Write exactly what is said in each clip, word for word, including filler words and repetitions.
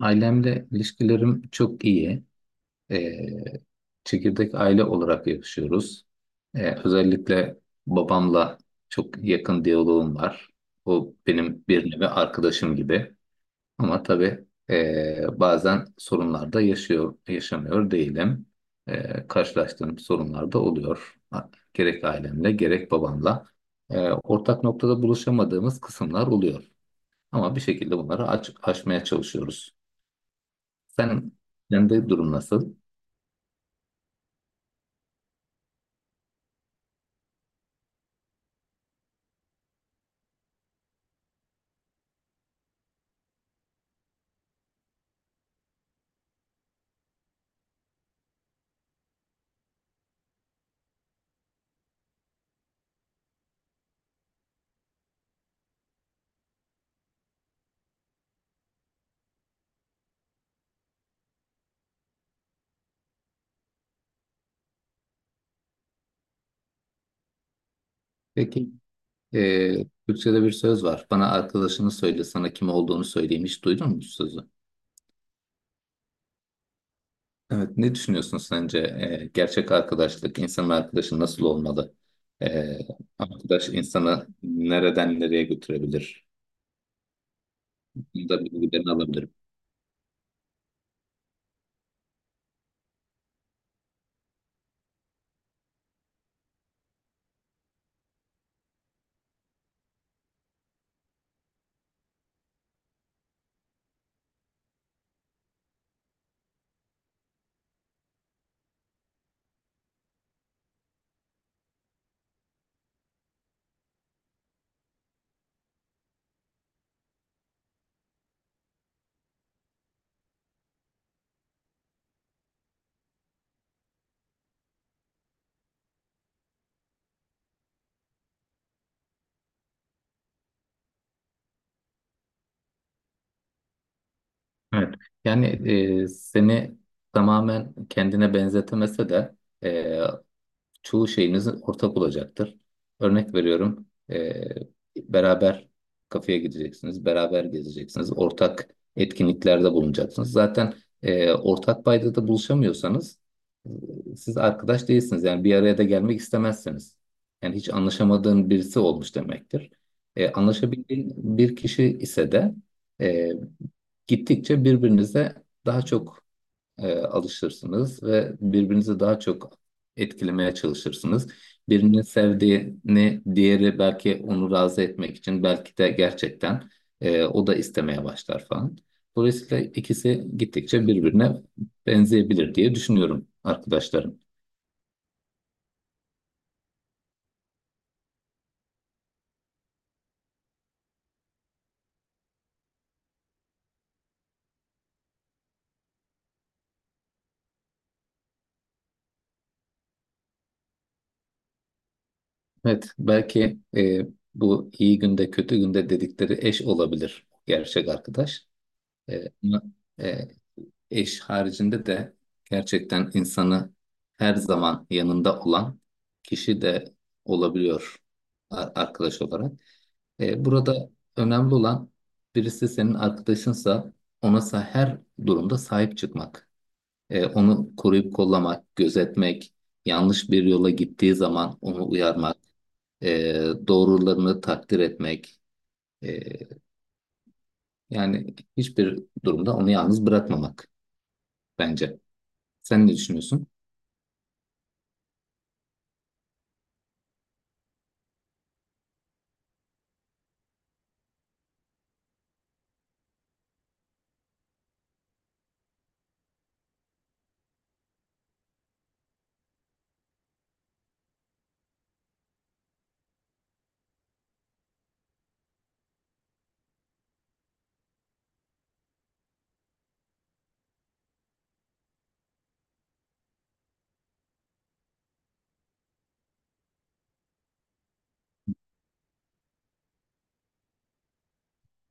Ailemle ilişkilerim çok iyi. Ee, Çekirdek aile olarak yaşıyoruz. Ee, özellikle babamla çok yakın diyaloğum var. O benim bir nevi arkadaşım gibi. Ama tabii ee, bazen sorunlar da yaşıyor, yaşamıyor değilim. Ee, karşılaştığım sorunlar da oluyor. Ha, gerek ailemle gerek babamla. Ee, ortak noktada buluşamadığımız kısımlar oluyor. Ama bir şekilde bunları aç, aşmaya çalışıyoruz. Sen kendi durum nasıl? Peki eee Türkçe'de bir söz var. Bana arkadaşını söyle, sana kim olduğunu söyleyeyim. Hiç duydun mu bu sözü? Evet, ne düşünüyorsun sence? Eee, gerçek arkadaşlık, insanın arkadaşı nasıl olmalı? Eee, Arkadaş insanı nereden nereye götürebilir? Bunu da bilgilerini alabilirim. Evet. Yani eee, seni tamamen kendine benzetemese de eee, çoğu şeyiniz ortak olacaktır. Örnek veriyorum, e, beraber kafeye gideceksiniz, beraber gezeceksiniz, ortak etkinliklerde bulunacaksınız. Zaten e, ortak paydada buluşamıyorsanız e, siz arkadaş değilsiniz. Yani bir araya da gelmek istemezsiniz. Yani hiç anlaşamadığın birisi olmuş demektir. E, anlaşabildiğin bir kişi ise de e, gittikçe birbirinize daha çok e, alışırsınız ve birbirinizi daha çok etkilemeye çalışırsınız. Birinin sevdiğini diğeri belki onu razı etmek için belki de gerçekten e, o da istemeye başlar falan. Dolayısıyla ikisi gittikçe birbirine benzeyebilir diye düşünüyorum arkadaşlarım. Evet, belki e, bu iyi günde kötü günde dedikleri eş olabilir gerçek arkadaş. E, ama, e, eş haricinde de gerçekten insanı her zaman yanında olan kişi de olabiliyor a- arkadaş olarak. E, burada önemli olan birisi senin arkadaşınsa ona sa- her durumda sahip çıkmak. E, onu koruyup kollamak, gözetmek, yanlış bir yola gittiği zaman onu uyarmak, e, doğrularını takdir etmek. E, Yani hiçbir durumda onu yalnız bırakmamak bence. Sen ne düşünüyorsun?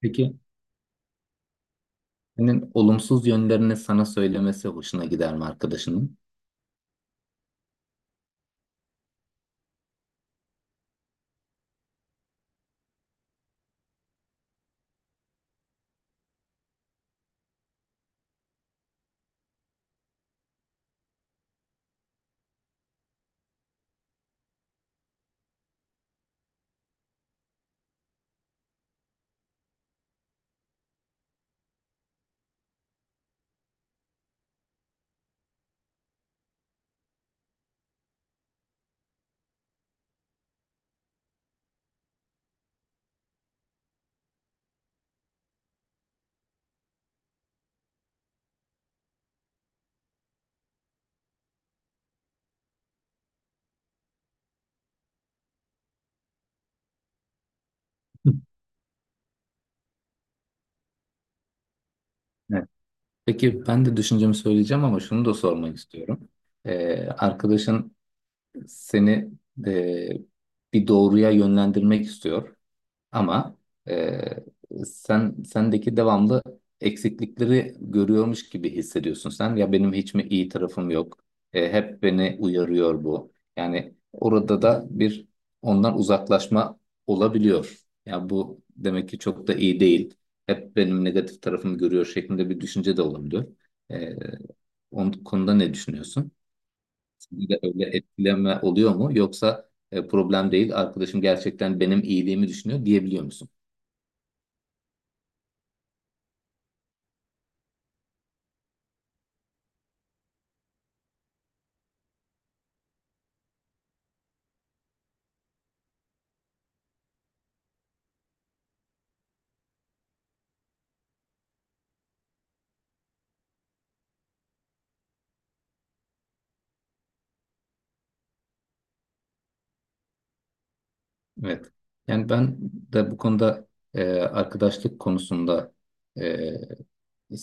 Peki, senin olumsuz yönlerini sana söylemesi hoşuna gider mi arkadaşının? Hı. Evet. Peki ben de düşüncemi söyleyeceğim ama şunu da sormak istiyorum. Ee, arkadaşın seni e, bir doğruya yönlendirmek istiyor. Ama eee, sen sendeki devamlı eksiklikleri görüyormuş gibi hissediyorsun sen. Ya benim hiç mi iyi tarafım yok? E, hep beni uyarıyor bu. Yani orada da bir ondan uzaklaşma olabiliyor. Ya bu demek ki çok da iyi değil. Hep benim negatif tarafımı görüyor şeklinde bir düşünce de olabiliyor. E, Onun konuda ne düşünüyorsun? Sende de öyle etkileme oluyor mu? Yoksa e, problem değil, arkadaşım gerçekten benim iyiliğimi düşünüyor diyebiliyor musun? Evet. Yani ben de bu konuda e, arkadaşlık konusunda e,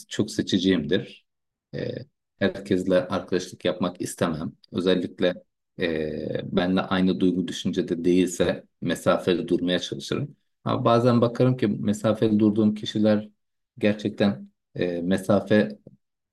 çok seçiciyimdir. E, Herkesle arkadaşlık yapmak istemem. Özellikle e, benle aynı duygu düşüncede değilse mesafeli durmaya çalışırım. Ama bazen bakarım ki mesafeli durduğum kişiler gerçekten e, mesafe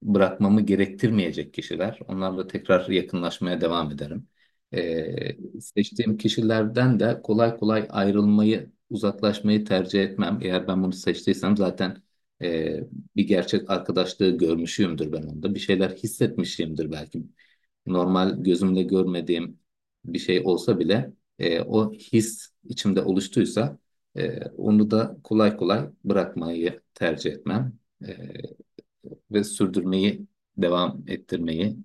bırakmamı gerektirmeyecek kişiler. Onlarla tekrar yakınlaşmaya devam ederim. Ee, seçtiğim kişilerden de kolay kolay ayrılmayı, uzaklaşmayı tercih etmem. Eğer ben bunu seçtiysem zaten e, bir gerçek arkadaşlığı görmüşümdür ben onda. Bir şeyler hissetmişimdir belki. Normal gözümle görmediğim bir şey olsa bile e, o his içimde oluştuysa e, onu da kolay kolay bırakmayı tercih etmem. E, Ve sürdürmeyi, devam ettirmeyi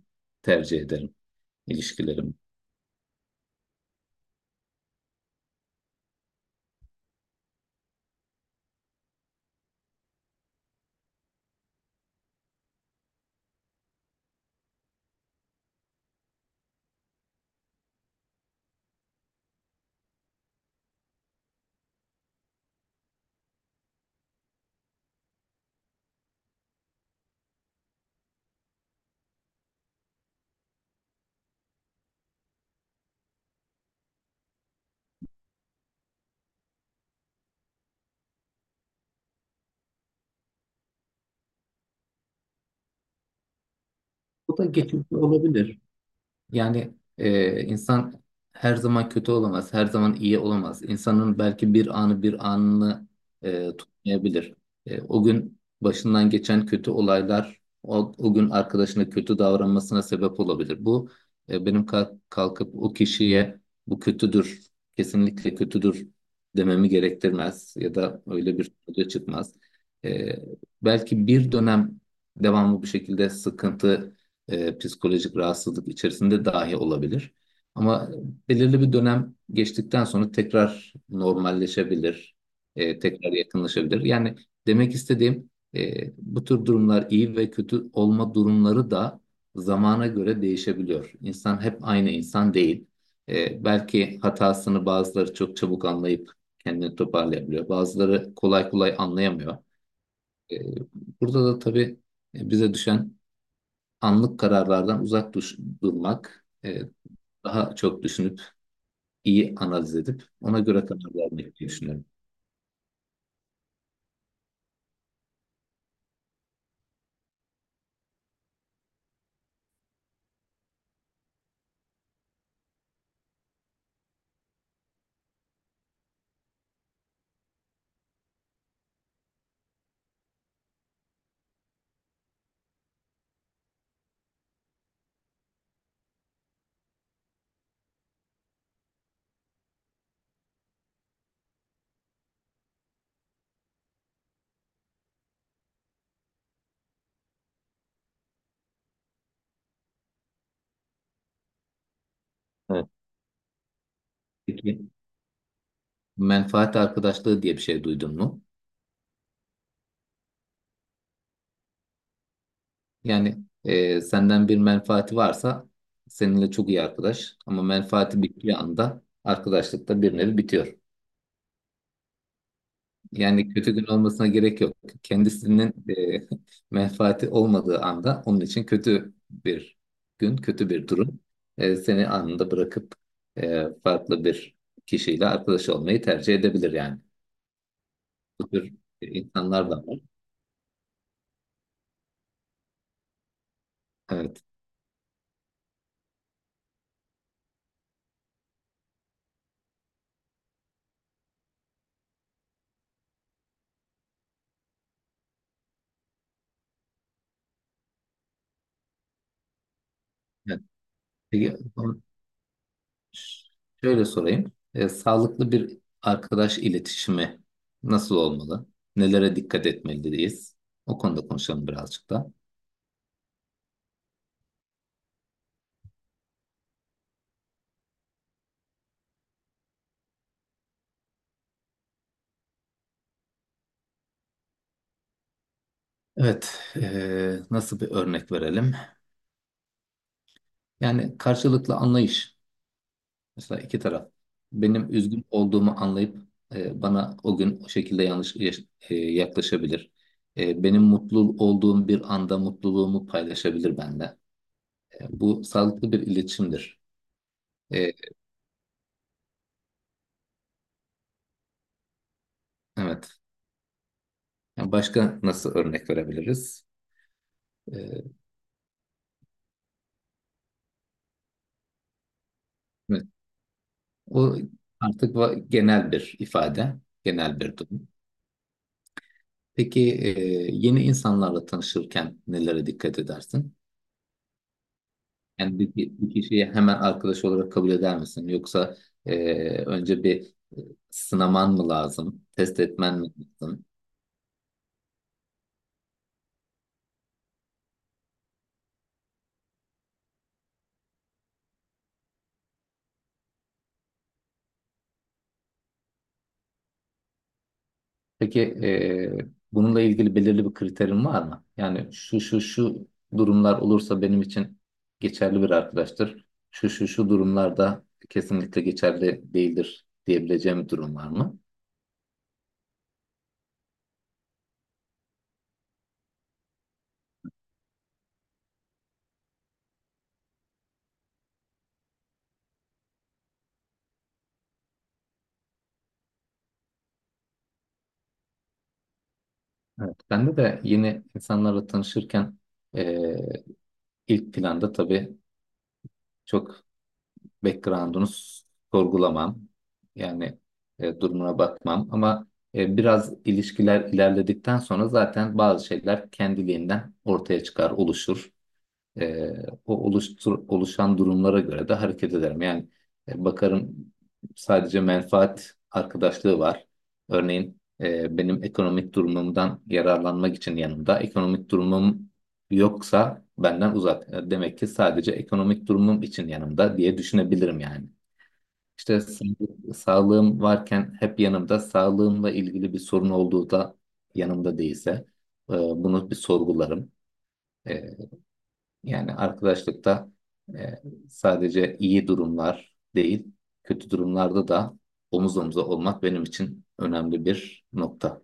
tercih ederim ilişkilerim. Bu da geçici olabilir. Yani e, insan her zaman kötü olamaz, her zaman iyi olamaz. İnsanın belki bir anı bir anını e, tutmayabilir. E, o gün başından geçen kötü olaylar o, o gün arkadaşına kötü davranmasına sebep olabilir. Bu e, benim kalk- kalkıp o kişiye bu kötüdür, kesinlikle kötüdür dememi gerektirmez ya da öyle bir sonuca çıkmaz. E, Belki bir dönem devamlı bu şekilde sıkıntı e, psikolojik rahatsızlık içerisinde dahi olabilir. Ama belirli bir dönem geçtikten sonra tekrar normalleşebilir, e, tekrar yakınlaşabilir. Yani demek istediğim e, bu tür durumlar iyi ve kötü olma durumları da zamana göre değişebiliyor. İnsan hep aynı insan değil. E, belki hatasını bazıları çok çabuk anlayıp kendini toparlayabiliyor. Bazıları kolay kolay anlayamıyor. E, Burada da tabii bize düşen anlık kararlardan uzak duş- durmak, e, daha çok düşünüp, iyi analiz edip ona göre karar vermek diye düşünüyorum. Evet. Peki, menfaat arkadaşlığı diye bir şey duydun mu? Yani e, senden bir menfaati varsa seninle çok iyi arkadaş ama menfaati bittiği anda arkadaşlıkta bir nevi bitiyor. Yani kötü gün olmasına gerek yok. Kendisinin e, menfaati olmadığı anda onun için kötü bir gün, kötü bir durum e, seni anında bırakıp e, farklı bir kişiyle arkadaş olmayı tercih edebilir yani. Bu tür insanlar da var. Evet. Evet. Peki, son- şöyle sorayım. E, sağlıklı bir arkadaş iletişimi nasıl olmalı? Nelere dikkat etmeliyiz? O konuda konuşalım birazcık da. Evet, eee, nasıl bir örnek verelim? Yani karşılıklı anlayış. Mesela iki taraf. Benim üzgün olduğumu anlayıp e, bana o gün o şekilde yanlış yaş- e, yaklaşabilir. E, benim mutlu olduğum bir anda mutluluğumu paylaşabilir benimle. E, bu sağlıklı bir iletişimdir. E, evet. Yani başka nasıl örnek verebiliriz? E, evet. O artık va- genel bir ifade, genel bir durum. Peki e, yeni insanlarla tanışırken nelere dikkat edersin? Yani bir, bir bir kişiyi hemen arkadaş olarak kabul eder misin? Yoksa eee, önce bir sınaman mı lazım? Test etmen mi lazım? Peki eee, bununla ilgili belirli bir kriterin var mı? Yani şu şu şu durumlar olursa benim için geçerli bir arkadaştır. Şu şu şu durumlarda kesinlikle geçerli değildir diyebileceğim bir durum var mı? Evet. Bende de yeni insanlarla tanışırken eee, ilk planda tabii çok background'unu sorgulamam. Yani e, durumuna bakmam ama e, biraz ilişkiler ilerledikten sonra zaten bazı şeyler kendiliğinden ortaya çıkar, oluşur. E, o oluştur, oluşan durumlara göre de hareket ederim. Yani e, bakarım sadece menfaat arkadaşlığı var. Örneğin e, benim ekonomik durumumdan yararlanmak için yanımda. Ekonomik durumum yoksa benden uzak. E, Demek ki sadece ekonomik durumum için yanımda diye düşünebilirim yani. İşte sa- sağlığım varken hep yanımda, sağlığımla ilgili bir sorun olduğu da yanımda değilse e, bunu bir sorgularım. E, Yani arkadaşlıkta e, sadece iyi durumlar değil, kötü durumlarda da omuz omuza olmak benim için önemli bir nokta.